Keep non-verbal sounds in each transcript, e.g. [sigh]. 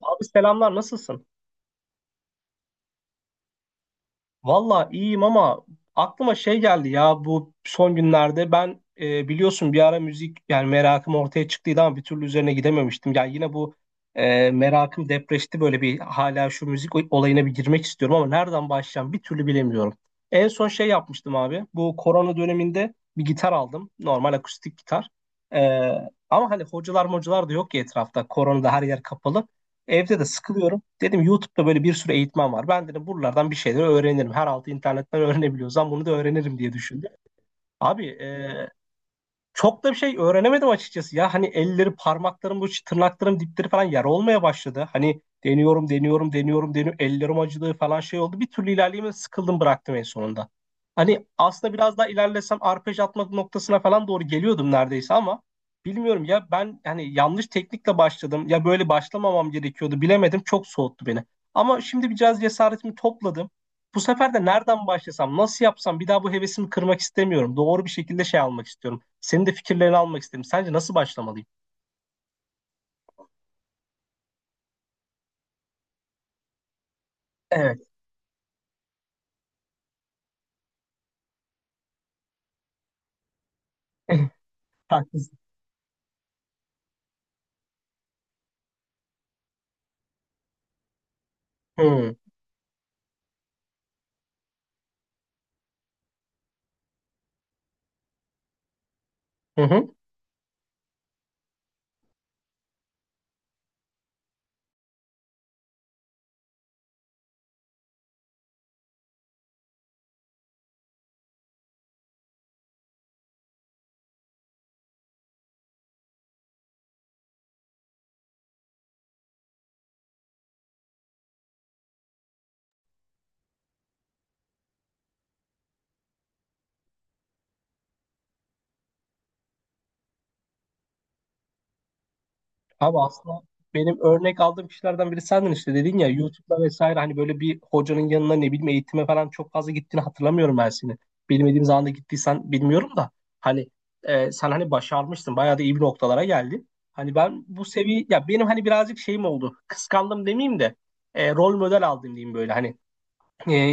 Abi selamlar, nasılsın? Valla iyiyim ama aklıma şey geldi ya, bu son günlerde ben biliyorsun bir ara müzik yani merakım ortaya çıktıydı ama bir türlü üzerine gidememiştim. Yani yine bu merakım depreşti, böyle bir hala şu müzik olayına bir girmek istiyorum ama nereden başlayacağım bir türlü bilemiyorum. En son şey yapmıştım abi, bu korona döneminde bir gitar aldım, normal akustik gitar. E, ama hani hocalar mocalar da yok ki etrafta, koronada her yer kapalı. Evde de sıkılıyorum. Dedim YouTube'da böyle bir sürü eğitmen var. Ben dedim buralardan bir şeyler öğrenirim. Her altı internetten [laughs] öğrenebiliyorsam bunu da öğrenirim diye düşündüm. Abi çok da bir şey öğrenemedim açıkçası ya. Hani elleri, parmaklarım, bu tırnaklarım dipleri falan yara olmaya başladı. Hani deniyorum, deniyorum, deniyorum, deniyorum. Ellerim acıdı falan, şey oldu. Bir türlü ilerleyemem, sıkıldım, bıraktım en sonunda. Hani aslında biraz daha ilerlesem arpej atmak noktasına falan doğru geliyordum neredeyse ama bilmiyorum ya, ben hani yanlış teknikle başladım. Ya böyle başlamamam gerekiyordu, bilemedim. Çok soğuttu beni. Ama şimdi bir biraz cesaretimi topladım. Bu sefer de nereden başlasam, nasıl yapsam, bir daha bu hevesimi kırmak istemiyorum. Doğru bir şekilde şey almak istiyorum. Senin de fikirlerini almak istedim. Sence nasıl başlamalıyım? Evet. [laughs] Haklısın. Hmm. Hı hı. Abi aslında benim örnek aldığım kişilerden biri sendin, işte dedin ya YouTube'da vesaire, hani böyle bir hocanın yanına ne bileyim eğitime falan çok fazla gittiğini hatırlamıyorum ben seni. Bilmediğim zaman da gittiysen bilmiyorum da hani sen hani başarmıştın, bayağı da iyi bir noktalara geldin. Hani ben bu seviye ya, benim hani birazcık şeyim oldu, kıskandım demeyeyim de rol model aldım diyeyim böyle hani. e,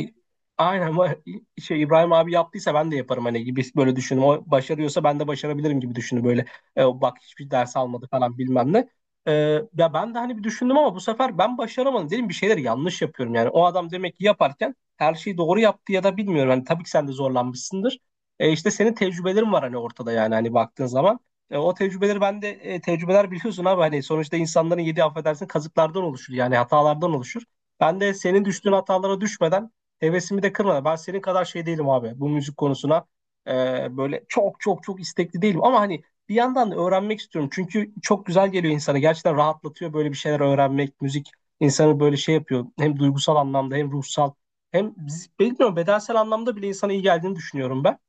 aynen ama şey, İbrahim abi yaptıysa ben de yaparım hani, gibi böyle düşündüm. O başarıyorsa ben de başarabilirim gibi düşündüm böyle. Bak hiçbir ders almadı falan bilmem ne. E, ya ben de hani bir düşündüm ama bu sefer ben başaramadım. Dedim bir şeyler yanlış yapıyorum yani. O adam demek ki yaparken her şeyi doğru yaptı ya da bilmiyorum. Hani tabii ki sen de zorlanmışsındır. İşte senin tecrübelerin var hani ortada yani, hani baktığın zaman. O tecrübeleri ben de tecrübeler biliyorsun abi, hani sonuçta insanların yedi affedersin kazıklardan oluşur yani, hatalardan oluşur. Ben de senin düştüğün hatalara düşmeden, hevesimi de kırmadan. Ben senin kadar şey değilim abi bu müzik konusuna. Böyle çok çok çok istekli değilim. Ama hani bir yandan da öğrenmek istiyorum. Çünkü çok güzel geliyor insana. Gerçekten rahatlatıyor böyle bir şeyler öğrenmek. Müzik insanı böyle şey yapıyor. Hem duygusal anlamda hem ruhsal. Hem bilmiyorum bedensel anlamda bile insana iyi geldiğini düşünüyorum ben.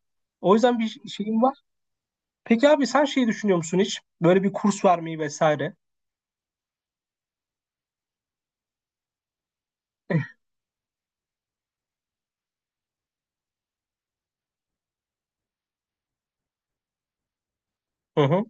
O yüzden bir şeyim var. Peki abi sen şey düşünüyor musun hiç? Böyle bir kurs vermeyi vesaire. [laughs] Hı hı.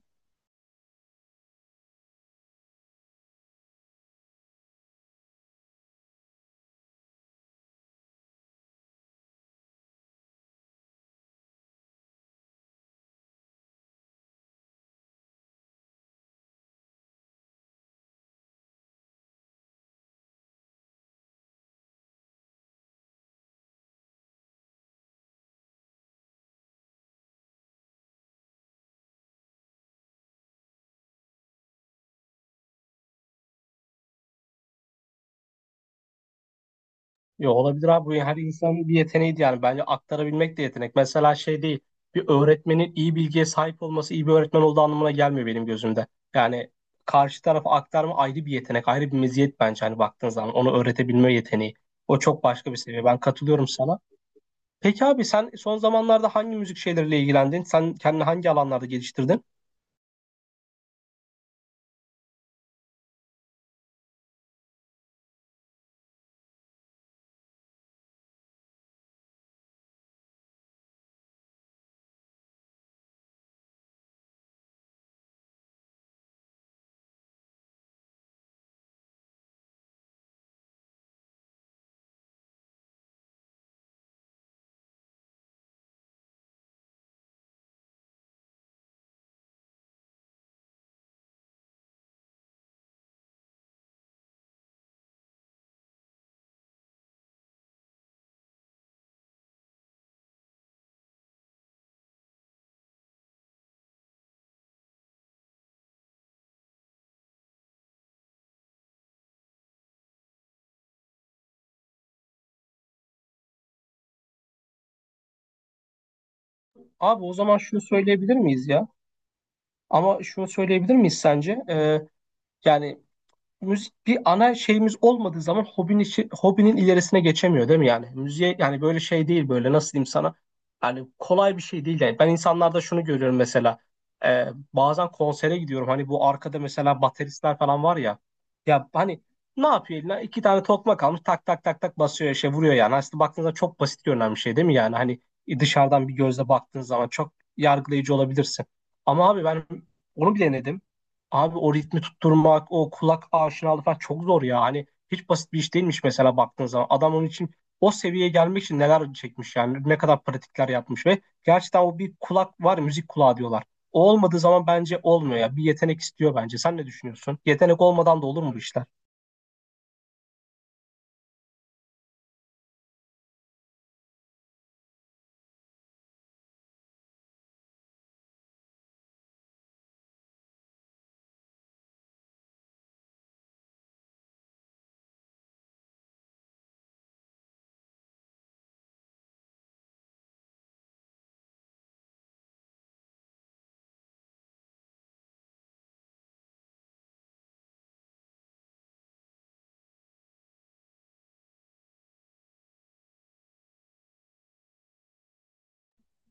Yo, olabilir abi. Bu her insanın bir yeteneği yani. Bence aktarabilmek de yetenek. Mesela şey değil. Bir öğretmenin iyi bilgiye sahip olması iyi bir öğretmen olduğu anlamına gelmiyor benim gözümde. Yani karşı tarafa aktarma ayrı bir yetenek, ayrı bir meziyet bence hani, baktığın zaman. Onu öğretebilme yeteneği. O çok başka bir seviye. Ben katılıyorum sana. Peki abi sen son zamanlarda hangi müzik şeyleriyle ilgilendin? Sen kendini hangi alanlarda geliştirdin? Abi o zaman şunu söyleyebilir miyiz ya? Ama şunu söyleyebilir miyiz sence? Yani müzik bir ana şeyimiz olmadığı zaman hobinin, hobinin ilerisine geçemiyor değil mi yani? Müziğe yani böyle şey değil, böyle nasıl diyeyim sana? Yani kolay bir şey değil yani. Ben insanlarda şunu görüyorum mesela. Ee, bazen konsere gidiyorum. Hani bu arkada mesela bateristler falan var ya. Ya hani ne yapıyor eline? İki tane tokmak almış, tak tak tak tak basıyor, şey vuruyor yani. Aslında baktığınızda çok basit görünen bir şey değil mi yani? Hani dışarıdan bir gözle baktığın zaman çok yargılayıcı olabilirsin. Ama abi ben onu bile denedim. Abi o ritmi tutturmak, o kulak aşinalığı falan çok zor ya. Hani hiç basit bir iş değilmiş mesela, baktığın zaman. Adam onun için o seviyeye gelmek için neler çekmiş yani. Ne kadar pratikler yapmış ve gerçekten o bir kulak var, ya, müzik kulağı diyorlar. O olmadığı zaman bence olmuyor ya. Bir yetenek istiyor bence. Sen ne düşünüyorsun? Yetenek olmadan da olur mu bu işler?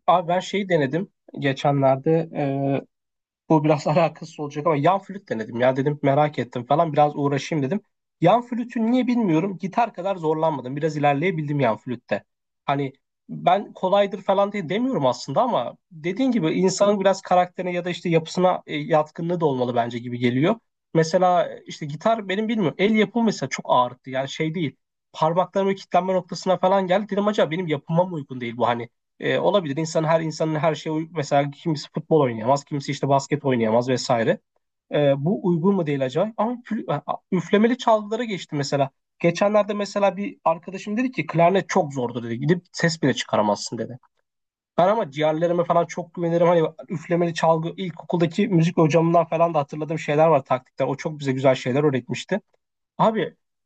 Abi ben şeyi denedim geçenlerde. Bu biraz [laughs] alakasız olacak ama yan flüt denedim ya, dedim merak ettim falan, biraz uğraşayım dedim. Yan flütün niye bilmiyorum gitar kadar zorlanmadım. Biraz ilerleyebildim yan flütte. Hani ben kolaydır falan diye demiyorum aslında ama dediğin gibi insanın biraz karakterine ya da işte yapısına yatkınlığı da olmalı bence, gibi geliyor. Mesela işte gitar benim bilmiyorum el yapımı mesela, çok ağrıttı yani şey değil. Parmaklarımın kilitlenme noktasına falan geldi. Dedim acaba benim yapıma mı uygun değil bu, hani olabilir. İnsan her insanın her şeye uygun. Mesela kimisi futbol oynayamaz, kimisi işte basket oynayamaz vesaire. Bu uygun mu değil acaba? Ama üflemeli çalgılara geçti mesela. Geçenlerde mesela bir arkadaşım dedi ki klarnet çok zordur dedi. Gidip ses bile çıkaramazsın dedi. Ben ama ciğerlerime falan çok güvenirim. Hani üflemeli çalgı, ilkokuldaki müzik hocamından falan da hatırladığım şeyler var, taktikler. O çok bize güzel şeyler öğretmişti. Abi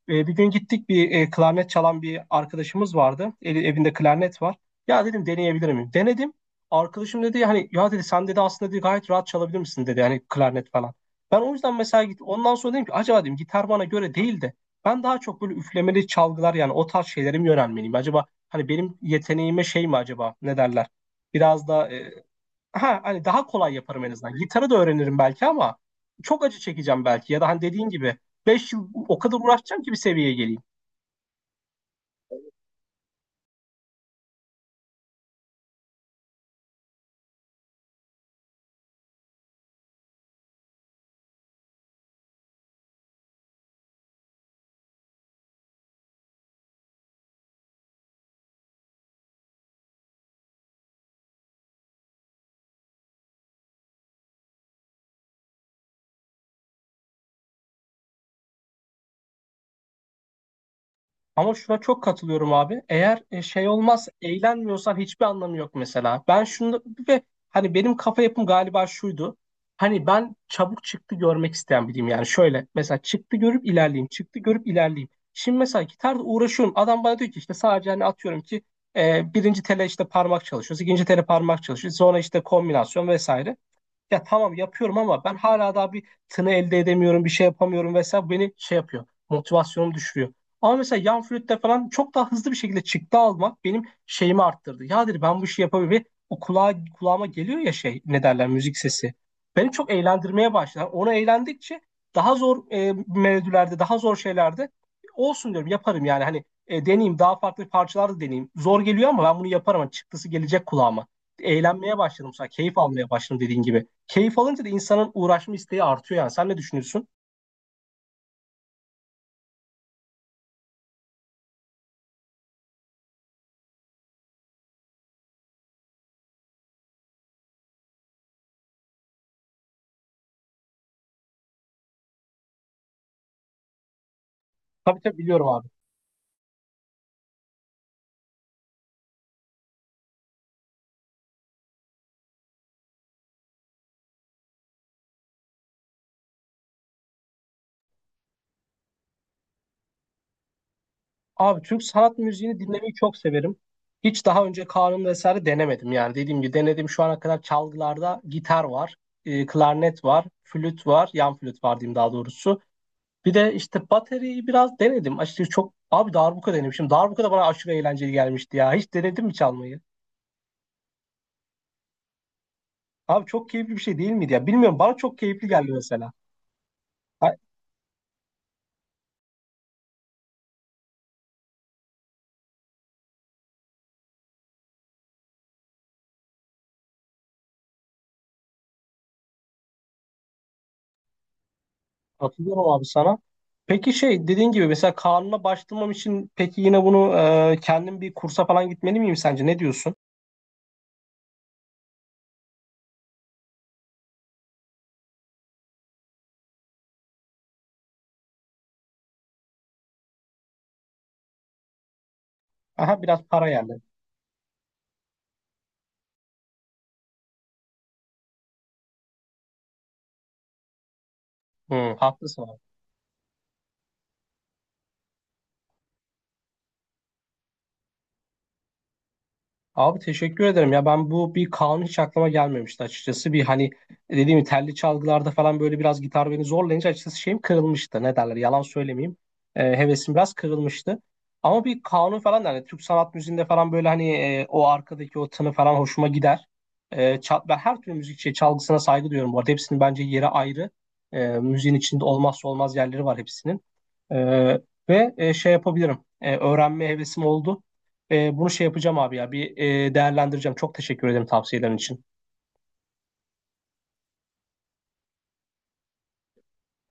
bir gün gittik bir klarnet çalan bir arkadaşımız vardı. Evinde klarnet var. Ya dedim deneyebilir miyim? Denedim. Arkadaşım dedi hani, ya dedi sen dedi aslında dedi, gayet rahat çalabilir misin dedi hani klarnet falan. Ben o yüzden mesela, git ondan sonra dedim ki acaba dedim gitar bana göre değil de ben daha çok böyle üflemeli çalgılar yani o tarz şeylere mi yönelmeliyim? Acaba hani benim yeteneğime şey mi acaba, ne derler? Biraz da ha hani daha kolay yaparım en azından. Gitarı da öğrenirim belki ama çok acı çekeceğim belki ya da hani dediğin gibi 5 yıl o kadar uğraşacağım ki bir seviyeye geleyim. Ama şuna çok katılıyorum abi. Eğer şey olmaz, eğlenmiyorsan hiçbir anlamı yok mesela. Ben şunu ve hani benim kafa yapım galiba şuydu. Hani ben çabuk çıktı görmek isteyen biriyim yani. Şöyle mesela çıktı görüp ilerleyeyim, çıktı görüp ilerleyeyim. Şimdi mesela gitarda uğraşıyorum. Adam bana diyor ki işte, sadece hani atıyorum ki birinci tele işte parmak çalışıyoruz, ikinci tele parmak çalışıyoruz. Sonra işte kombinasyon vesaire. Ya tamam yapıyorum ama ben hala daha bir tını elde edemiyorum, bir şey yapamıyorum vesaire. Bu beni şey yapıyor, motivasyonumu düşürüyor. Ama mesela yan flütte falan çok daha hızlı bir şekilde çıktı almak benim şeyimi arttırdı. Ya dedi ben bu işi yapabilirim. Ve o kulağa, kulağıma geliyor ya, şey ne derler, müzik sesi. Beni çok eğlendirmeye başladı. Onu eğlendikçe daha zor melodilerde, daha zor şeylerde olsun diyorum yaparım yani. Hani deneyeyim, daha farklı parçalar da deneyeyim. Zor geliyor ama ben bunu yaparım. Hani çıktısı gelecek kulağıma, eğlenmeye başladım sonra, keyif almaya başladım, dediğin gibi. Keyif alınca da insanın uğraşma isteği artıyor yani. Sen ne düşünüyorsun? Tabii tabii biliyorum abi. Abi Türk sanat müziğini dinlemeyi çok severim. Hiç daha önce kanun vesaire denemedim yani. Dediğim gibi denedim şu ana kadar çalgılarda gitar var, klarnet var, flüt var, yan flüt var diyeyim daha doğrusu. Bir de işte bateriyi biraz denedim. Açıkçası çok abi darbuka denemişim. Darbuka da bana aşırı eğlenceli gelmişti ya. Hiç denedin mi çalmayı? Abi çok keyifli bir şey değil miydi ya? Bilmiyorum bana çok keyifli geldi mesela. Katılıyorum abi sana. Peki şey dediğin gibi mesela kanuna başvurmam için, peki yine bunu kendim bir kursa falan gitmeli miyim sence? Ne diyorsun? Aha biraz para yani. Hı, haklısın. Abi teşekkür ederim ya, ben bu bir kanun hiç aklıma gelmemişti açıkçası. Bir hani dediğim gibi telli çalgılarda falan böyle biraz, gitar beni zorlayınca açıkçası şeyim kırılmıştı ne derler, yalan söylemeyeyim. Hevesim biraz kırılmıştı ama bir kanun falan da hani Türk sanat müziğinde falan böyle hani o arkadaki o tını falan hoşuma gider. Ben her türlü müzik şey, çalgısına saygı duyuyorum bu arada, hepsinin bence yeri ayrı. Müziğin içinde olmazsa olmaz yerleri var hepsinin. ee, ve şey yapabilirim. Öğrenme hevesim oldu. Bunu şey yapacağım abi ya, bir değerlendireceğim. Çok teşekkür ederim tavsiyelerin için.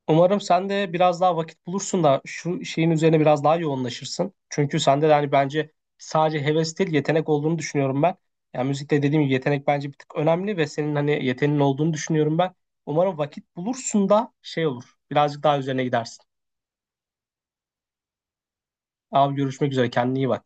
Umarım sen de biraz daha vakit bulursun da şu şeyin üzerine biraz daha yoğunlaşırsın. Çünkü sende de hani bence sadece heves değil, yetenek olduğunu düşünüyorum ben. Yani müzikte dediğim gibi yetenek bence bir tık önemli ve senin hani yeteneğin olduğunu düşünüyorum ben. Umarım vakit bulursun da şey olur. Birazcık daha üzerine gidersin. Abi görüşmek üzere, kendine iyi bak.